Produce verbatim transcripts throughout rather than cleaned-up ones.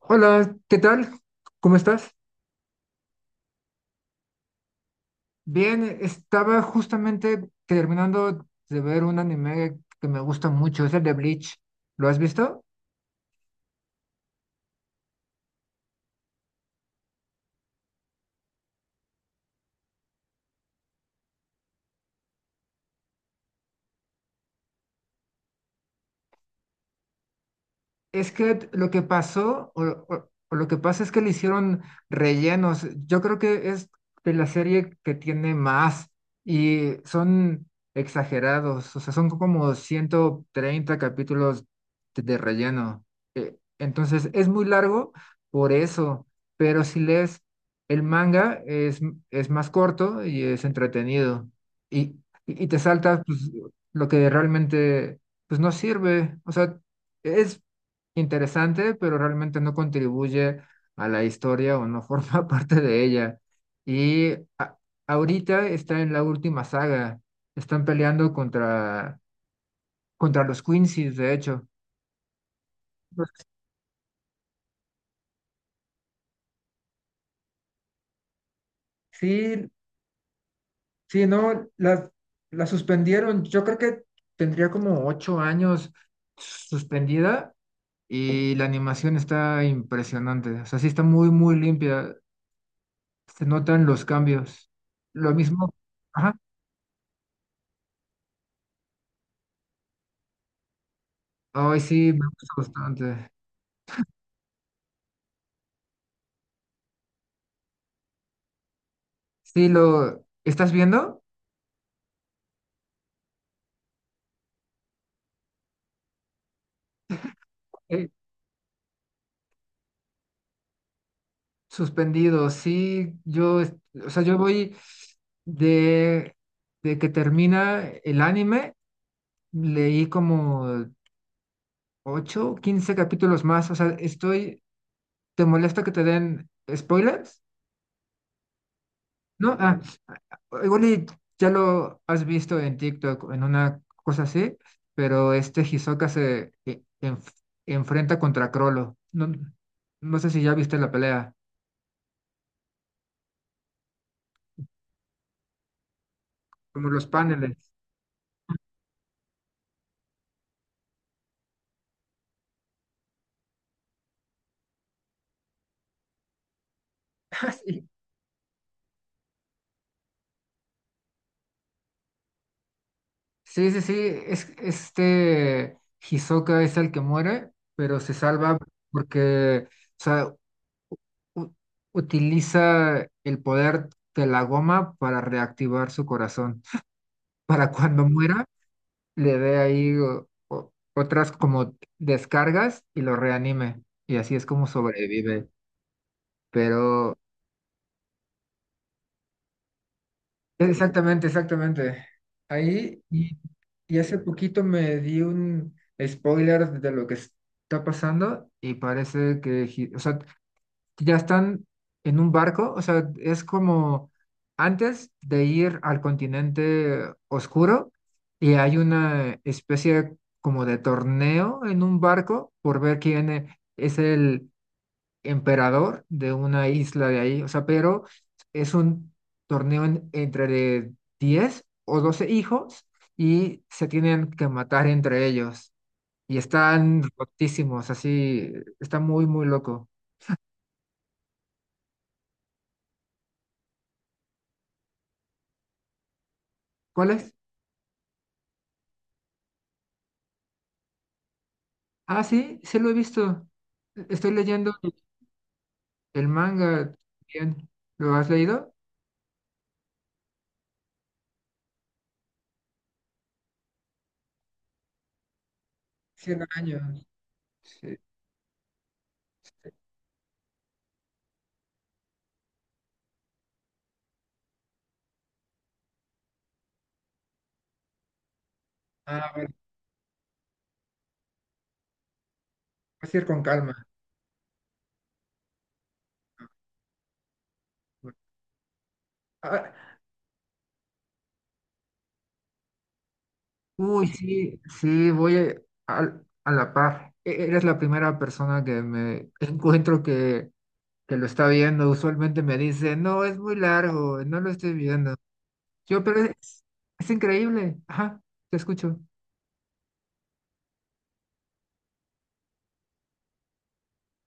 Hola, ¿qué tal? ¿Cómo estás? Bien, estaba justamente terminando de ver un anime que me gusta mucho, es el de Bleach. ¿Lo has visto? Es que lo que pasó, o, o- o lo que pasa es que le hicieron rellenos. Yo creo que es de la serie que tiene más y son exagerados, o sea, son como ciento treinta capítulos de de relleno. Entonces es muy largo por eso, pero si lees el manga es, es más corto y es entretenido y, y, y te saltas pues, lo que realmente pues, no sirve. O sea, es interesante, pero realmente no contribuye a la historia o no forma parte de ella. Y a- ahorita está en la última saga, están peleando contra, contra los Quincy's, de hecho. Sí, sí, no, la, la suspendieron. Yo creo que tendría como ocho años suspendida y la animación está impresionante. O sea, sí está muy, muy limpia. Se notan los cambios. Lo mismo. Ajá. Ay, sí, me gusta bastante. Sí, lo. ¿Estás viendo? Eh, Suspendido. Sí, yo. es- O sea, yo voy de, de que termina el anime. Leí como ocho quince capítulos más. O sea, estoy. ¿Te molesta que te den spoilers? ¿No? Ah, ah, igual y ya lo has visto en TikTok, o en una cosa así, pero este Hisoka se e- enf- enfrenta contra Crollo. No, no sé si ya viste la pelea, como los paneles. Ah, sí, sí, sí, sí, es, este Hisoka es el que muere, pero se salva porque, o sea, u- utiliza el poder de la goma para reactivar su corazón. Para cuando muera, le dé ahí o- o- otras como descargas y lo reanime. Y así es como sobrevive. Pero exactamente, exactamente. Ahí y, y hace poquito me di un spoiler de lo que está pasando y parece que, Hi- o sea, ya están en un barco, o sea, es como antes de ir al continente oscuro y hay una especie como de torneo en un barco por ver quién eh, es el emperador de una isla de ahí, o sea, pero es un torneo en- entre de diez o doce hijos y se tienen que matar entre ellos y están rotísimos, así, está muy, muy loco. ¿Cuál es? Ah, sí, sí lo he visto. E-, Estoy leyendo el manga bien. ¿Lo has leído? 100 años. Sí. Sí. Ah, vas a ir con calma. Ah, uy, sí, sí, voy a, al- a la par. E- Eres la primera persona que me encuentro que, que, lo está viendo. Usualmente me dice, no, es muy largo, no lo estoy viendo. Yo, pero es, es increíble. Ajá, te escucho.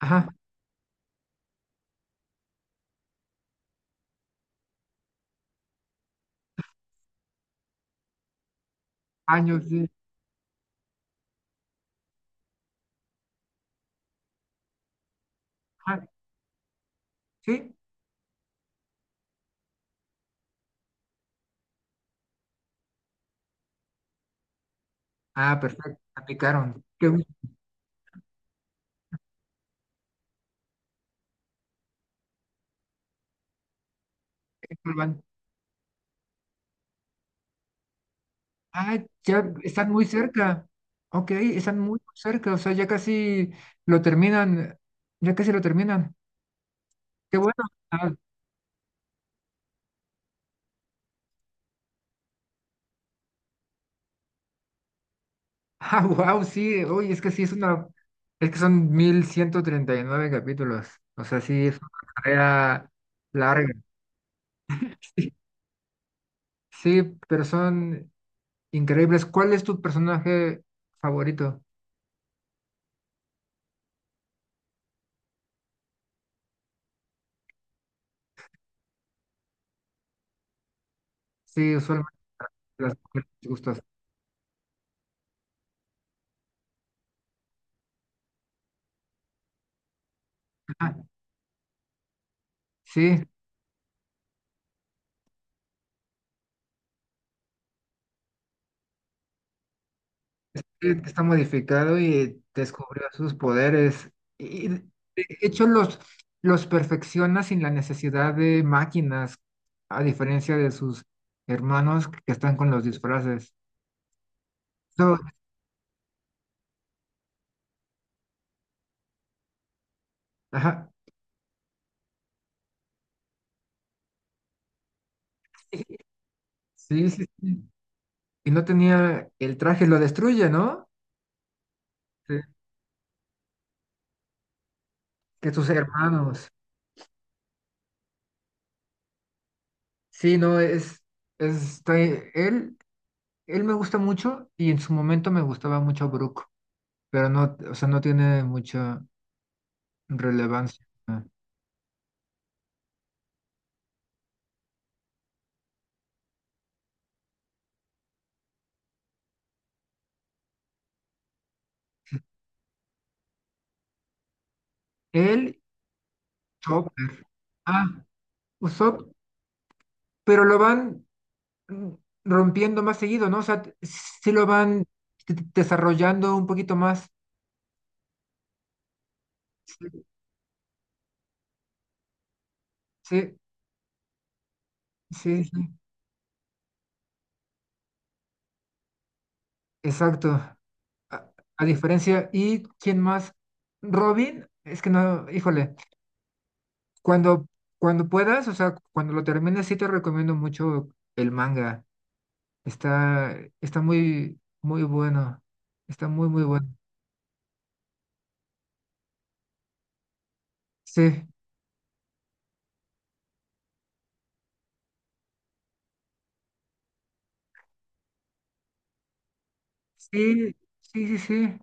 Ajá, años, sí. Ajá, sí, ah, perfecto, aplicaron. Qué gusto que vuelvan. Ah, ya están muy cerca. Ok, están muy cerca, o sea, ya casi lo terminan, ya casi lo terminan. Qué bueno. Ah, wow, sí, oye, es que sí, es una, es que son mil ciento treinta y nueve capítulos, o sea, sí, es una carrera larga. Sí, sí, pero son increíbles. ¿Cuál es tu personaje favorito? Sí, usualmente las mujeres les gustas. Ah, sí, que está modificado y descubrió sus poderes. Y de hecho los, los perfecciona sin la necesidad de máquinas, a diferencia de sus hermanos que están con los disfraces. So, ajá, sí, sí, sí. Y no tenía el traje, lo destruye, ¿no? Sí, que sus hermanos. Sí, no, es, es está- él, él me gusta mucho y en su momento me gustaba mucho Brook, pero no, o sea, no tiene mucha relevancia. El chopper. Ah, Usopp, pero lo van mm, rompiendo más seguido, ¿no? O sea, sí lo van de- de- desarrollando un poquito más. Sí, sí, sí, sí, exacto. A, a diferencia, ¿y quién más? Robin, es que no, híjole, cuando, cuando puedas, o sea, cuando lo termines, sí te recomiendo mucho el manga. Está, está muy, muy bueno. Está muy, muy bueno. Sí, sí, sí, sí, sí.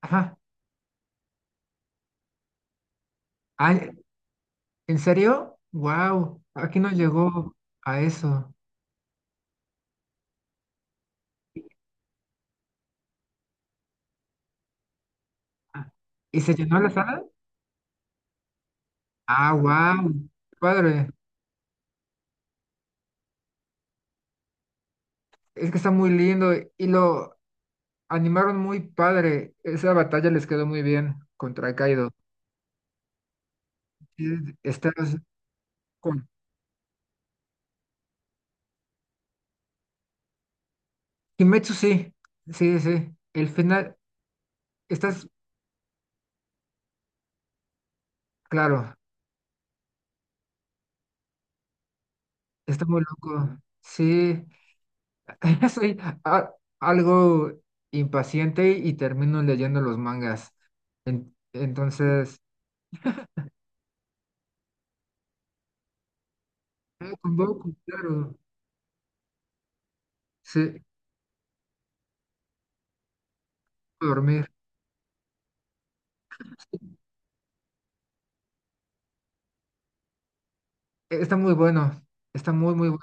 Ajá. Ay, ¿en serio? Wow, aquí no llegó a eso. Ah, ¿y se llenó la sala? Ah, wow, padre. Es que está muy lindo y lo animaron muy padre. Esa batalla les quedó muy bien contra Kaido. Sí, estás con Kimetsu, sí, sí, sí. El final, estás claro, está muy loco. Sí, soy a- algo impaciente y termino leyendo los mangas. En- entonces, ah, con Boku, claro, sí, dormir. Eh, Está muy bueno, está muy, muy bueno.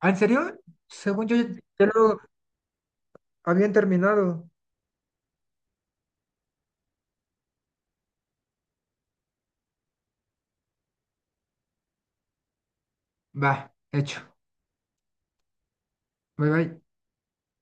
¿Ah, en serio? Según yo, ya lo habían terminado. Va, hecho. Bye, bye.